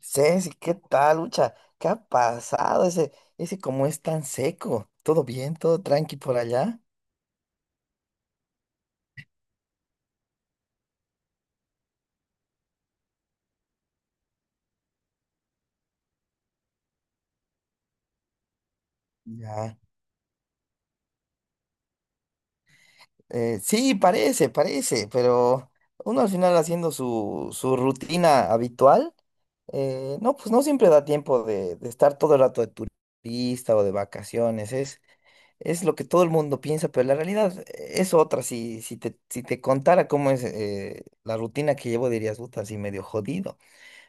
Ceci, ¿qué tal, Lucha? ¿Qué ha pasado? Ese cómo es tan seco. ¿Todo bien? ¿Todo tranqui por allá? Ya. Sí, parece, parece, pero uno al final haciendo su rutina habitual, no, pues no siempre da tiempo de estar todo el rato de turista o de vacaciones. Es lo que todo el mundo piensa, pero la realidad es otra. Si te contara cómo es la rutina que llevo, dirías, puta, así medio jodido.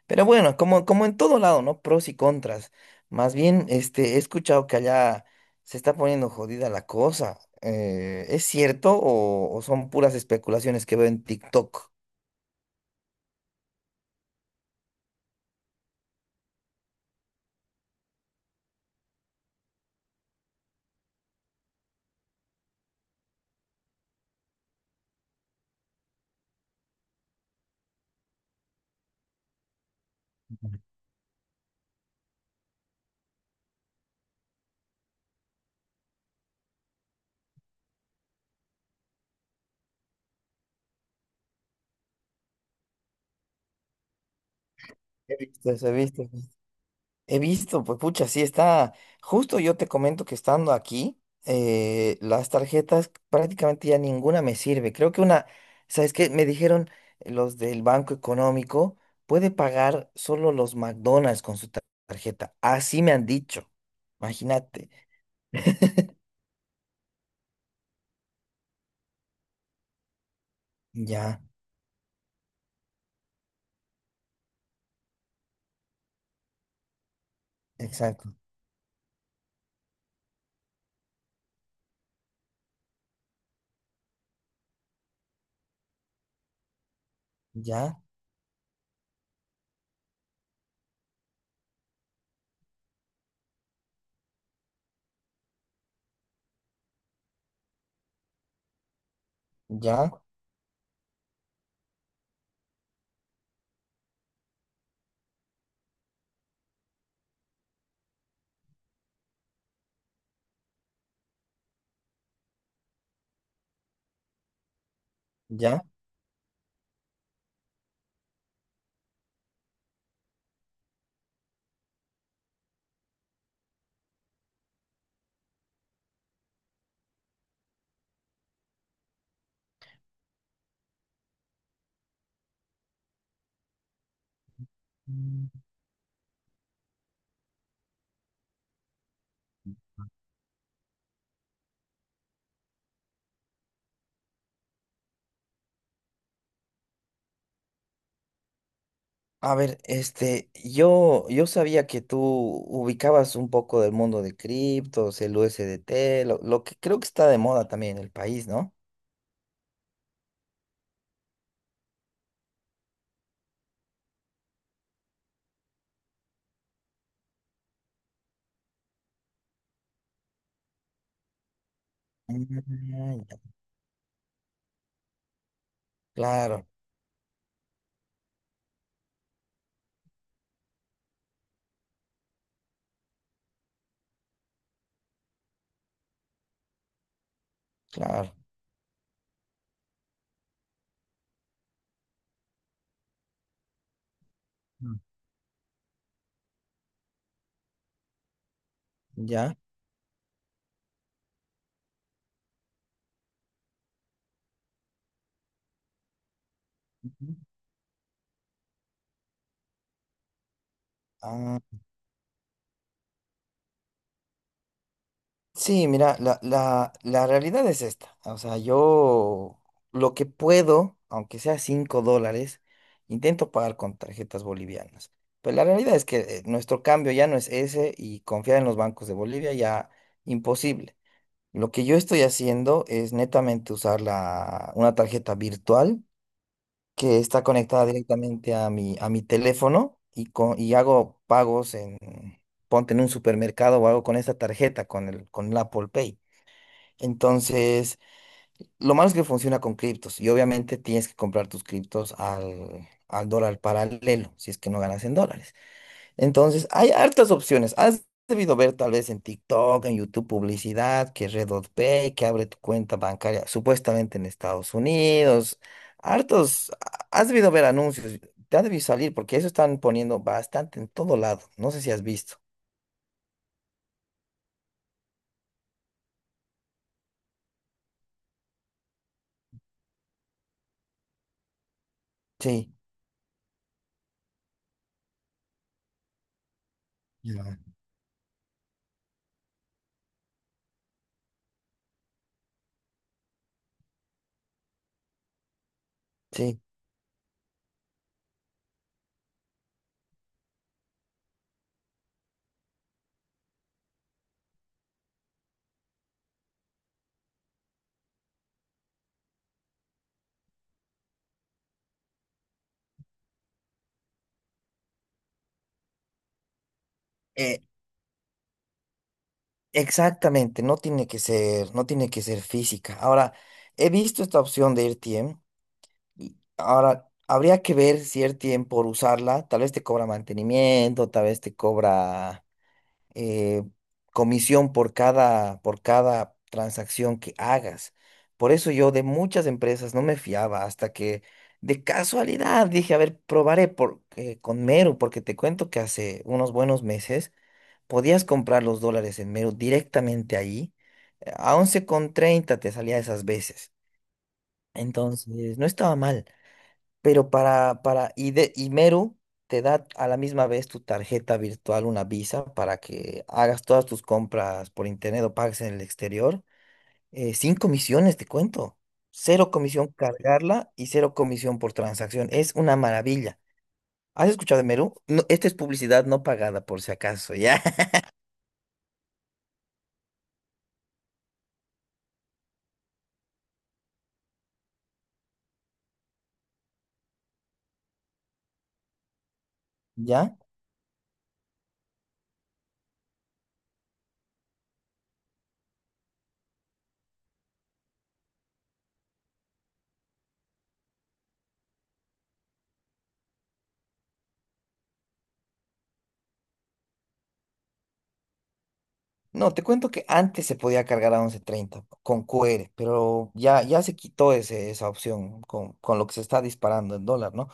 Pero bueno, como en todo lado, ¿no? Pros y contras. Más bien, este, he escuchado que allá se está poniendo jodida la cosa. ¿Es cierto o son puras especulaciones que veo en TikTok? He visto eso, he visto. He visto, pues pucha, sí está. Justo yo te comento que estando aquí, las tarjetas prácticamente ya ninguna me sirve. Creo que una, ¿sabes qué? Me dijeron los del Banco Económico, puede pagar solo los McDonald's con su tarjeta. Así me han dicho. Imagínate. Ya, exacto. Ya, ya, ya. A ver, este, yo sabía que tú ubicabas un poco del mundo de criptos, el USDT, lo que creo que está de moda también en el país, ¿no? Ah, ya. Claro, claro. Mm. Ya. Ujú. Sí, mira, la realidad es esta. O sea, yo lo que puedo, aunque sea $5, intento pagar con tarjetas bolivianas. Pero la realidad es que nuestro cambio ya no es ese y confiar en los bancos de Bolivia ya imposible. Lo que yo estoy haciendo es netamente usar la, una tarjeta virtual que está conectada directamente a mi teléfono y, y hago pagos en, ponte, en un supermercado, o hago con esta tarjeta, con el Apple Pay. Entonces, lo malo es que funciona con criptos y obviamente tienes que comprar tus criptos al dólar paralelo, si es que no ganas en dólares. Entonces, hay hartas opciones. Has debido ver tal vez en TikTok, en YouTube, publicidad, que Redot Pay, que abre tu cuenta bancaria, supuestamente en Estados Unidos. Hartos, has debido ver anuncios, te ha debido salir porque eso están poniendo bastante en todo lado. No sé si has visto. Sí, ya, sí. Exactamente, no tiene que ser, no tiene que ser física. Ahora, he visto esta opción de RTM y ahora habría que ver si RTM, por usarla, tal vez te cobra mantenimiento, tal vez te cobra eh, comisión por cada transacción que hagas. Por eso yo de muchas empresas no me fiaba hasta que de casualidad dije, a ver, probaré con Meru, porque te cuento que hace unos buenos meses podías comprar los dólares en Meru directamente ahí. A 11,30 te salía esas veces. Entonces, no estaba mal. Pero y Meru te da a la misma vez tu tarjeta virtual, una Visa, para que hagas todas tus compras por internet o pagues en el exterior. Sin comisiones, te cuento. Cero comisión cargarla y cero comisión por transacción. Es una maravilla. ¿Has escuchado de Meru? No, esta es publicidad no pagada, por si acaso, ¿ya? ¿Ya? No, te cuento que antes se podía cargar a 11,30 con QR, pero ya, ya se quitó ese, esa opción con lo que se está disparando el dólar, ¿no?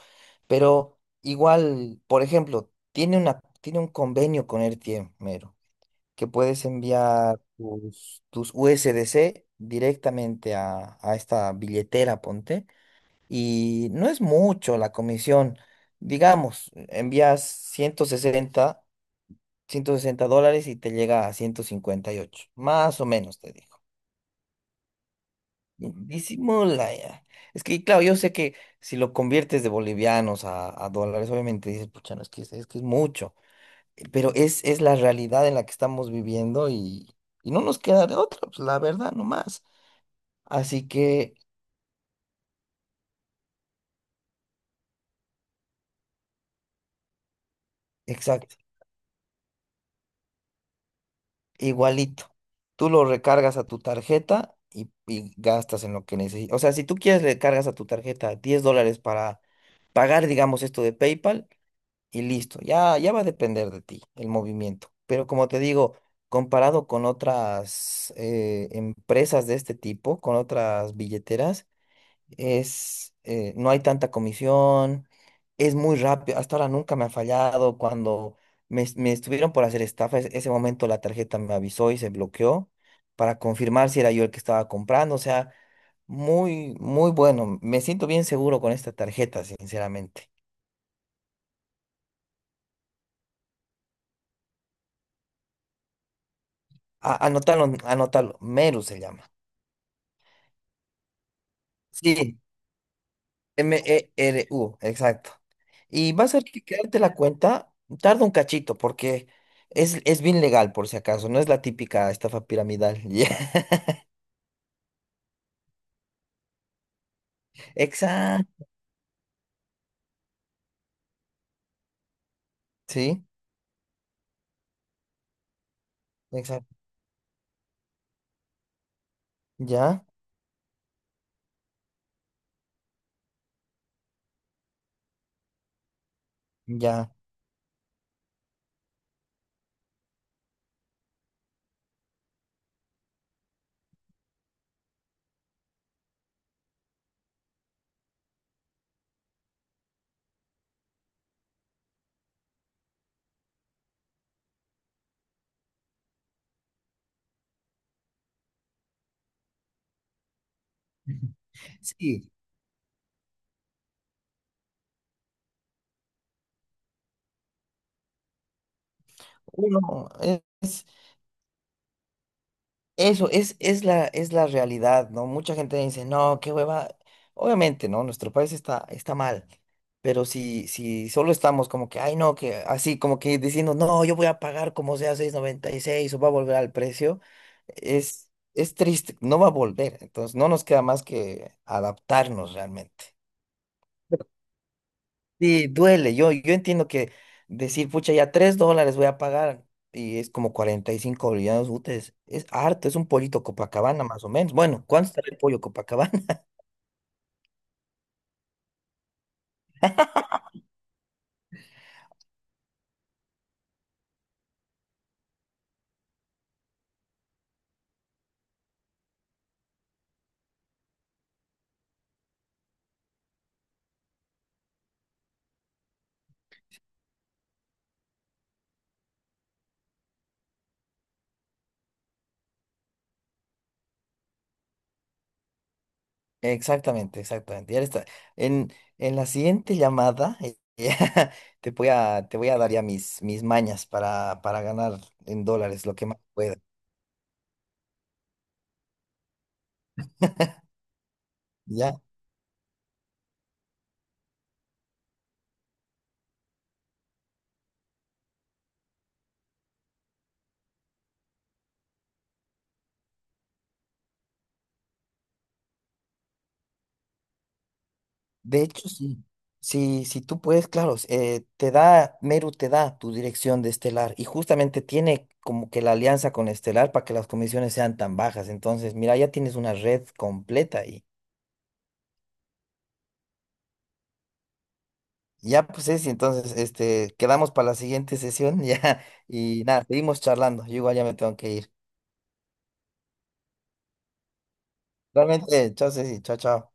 Pero igual, por ejemplo, tiene una, tiene un convenio con RTM, mero, que puedes enviar tus USDC directamente a esta billetera, ponte, y no es mucho la comisión. Digamos, envías ciento sesenta dólares y te llega a 158 más o menos, te digo. Y disimula ya. Es que, claro, yo sé que si lo conviertes de bolivianos a dólares, obviamente dices, pucha, no, es que es mucho. Pero es la realidad en la que estamos viviendo, y, no nos queda de otra, pues la verdad, nomás. Así que, exacto. Igualito. Tú lo recargas a tu tarjeta y gastas en lo que necesitas. O sea, si tú quieres, le cargas a tu tarjeta $10 para pagar, digamos, esto de PayPal y listo. Ya, ya va a depender de ti el movimiento. Pero como te digo, comparado con otras empresas de este tipo, con otras billeteras, no hay tanta comisión, es muy rápido, hasta ahora nunca me ha fallado. Cuando me estuvieron por hacer estafa, ese momento la tarjeta me avisó y se bloqueó para confirmar si era yo el que estaba comprando. O sea, muy, muy bueno, me siento bien seguro con esta tarjeta, sinceramente. Anótalo, anótalo, Meru se llama. Sí, Meru, exacto. Y vas a tener que crearte la cuenta, tarda un cachito, porque es bien legal, por si acaso, no es la típica estafa piramidal. Ya. Exacto, sí, exacto. Ya, ya. Sí, uno es. Eso es la realidad, ¿no? Mucha gente dice, no, qué hueva. Obviamente, ¿no? Nuestro país está mal, pero si solo estamos como que, ay, no, que así, como que diciendo, no, yo voy a pagar como sea 6,96, o va a volver al precio. Es triste, no va a volver. Entonces, no nos queda más que adaptarnos realmente. Sí, duele. Yo entiendo que decir, pucha, ya $3 voy a pagar y es como 45 bolivianos útiles. Es harto, es un pollito Copacabana más o menos. Bueno, ¿cuánto está el pollo Copacabana? Exactamente, exactamente. Ya está. En, en la siguiente llamada ya te voy a dar ya mis mañas para ganar en dólares lo que más pueda. Ya. De hecho, sí. Si tú puedes, claro, Meru te da tu dirección de Estelar, y justamente tiene como que la alianza con Estelar para que las comisiones sean tan bajas. Entonces, mira, ya tienes una red completa, y ya pues y entonces, este, quedamos para la siguiente sesión ya, y nada, seguimos charlando. Yo igual ya me tengo que ir. Realmente, chao, Ceci, chao, chao.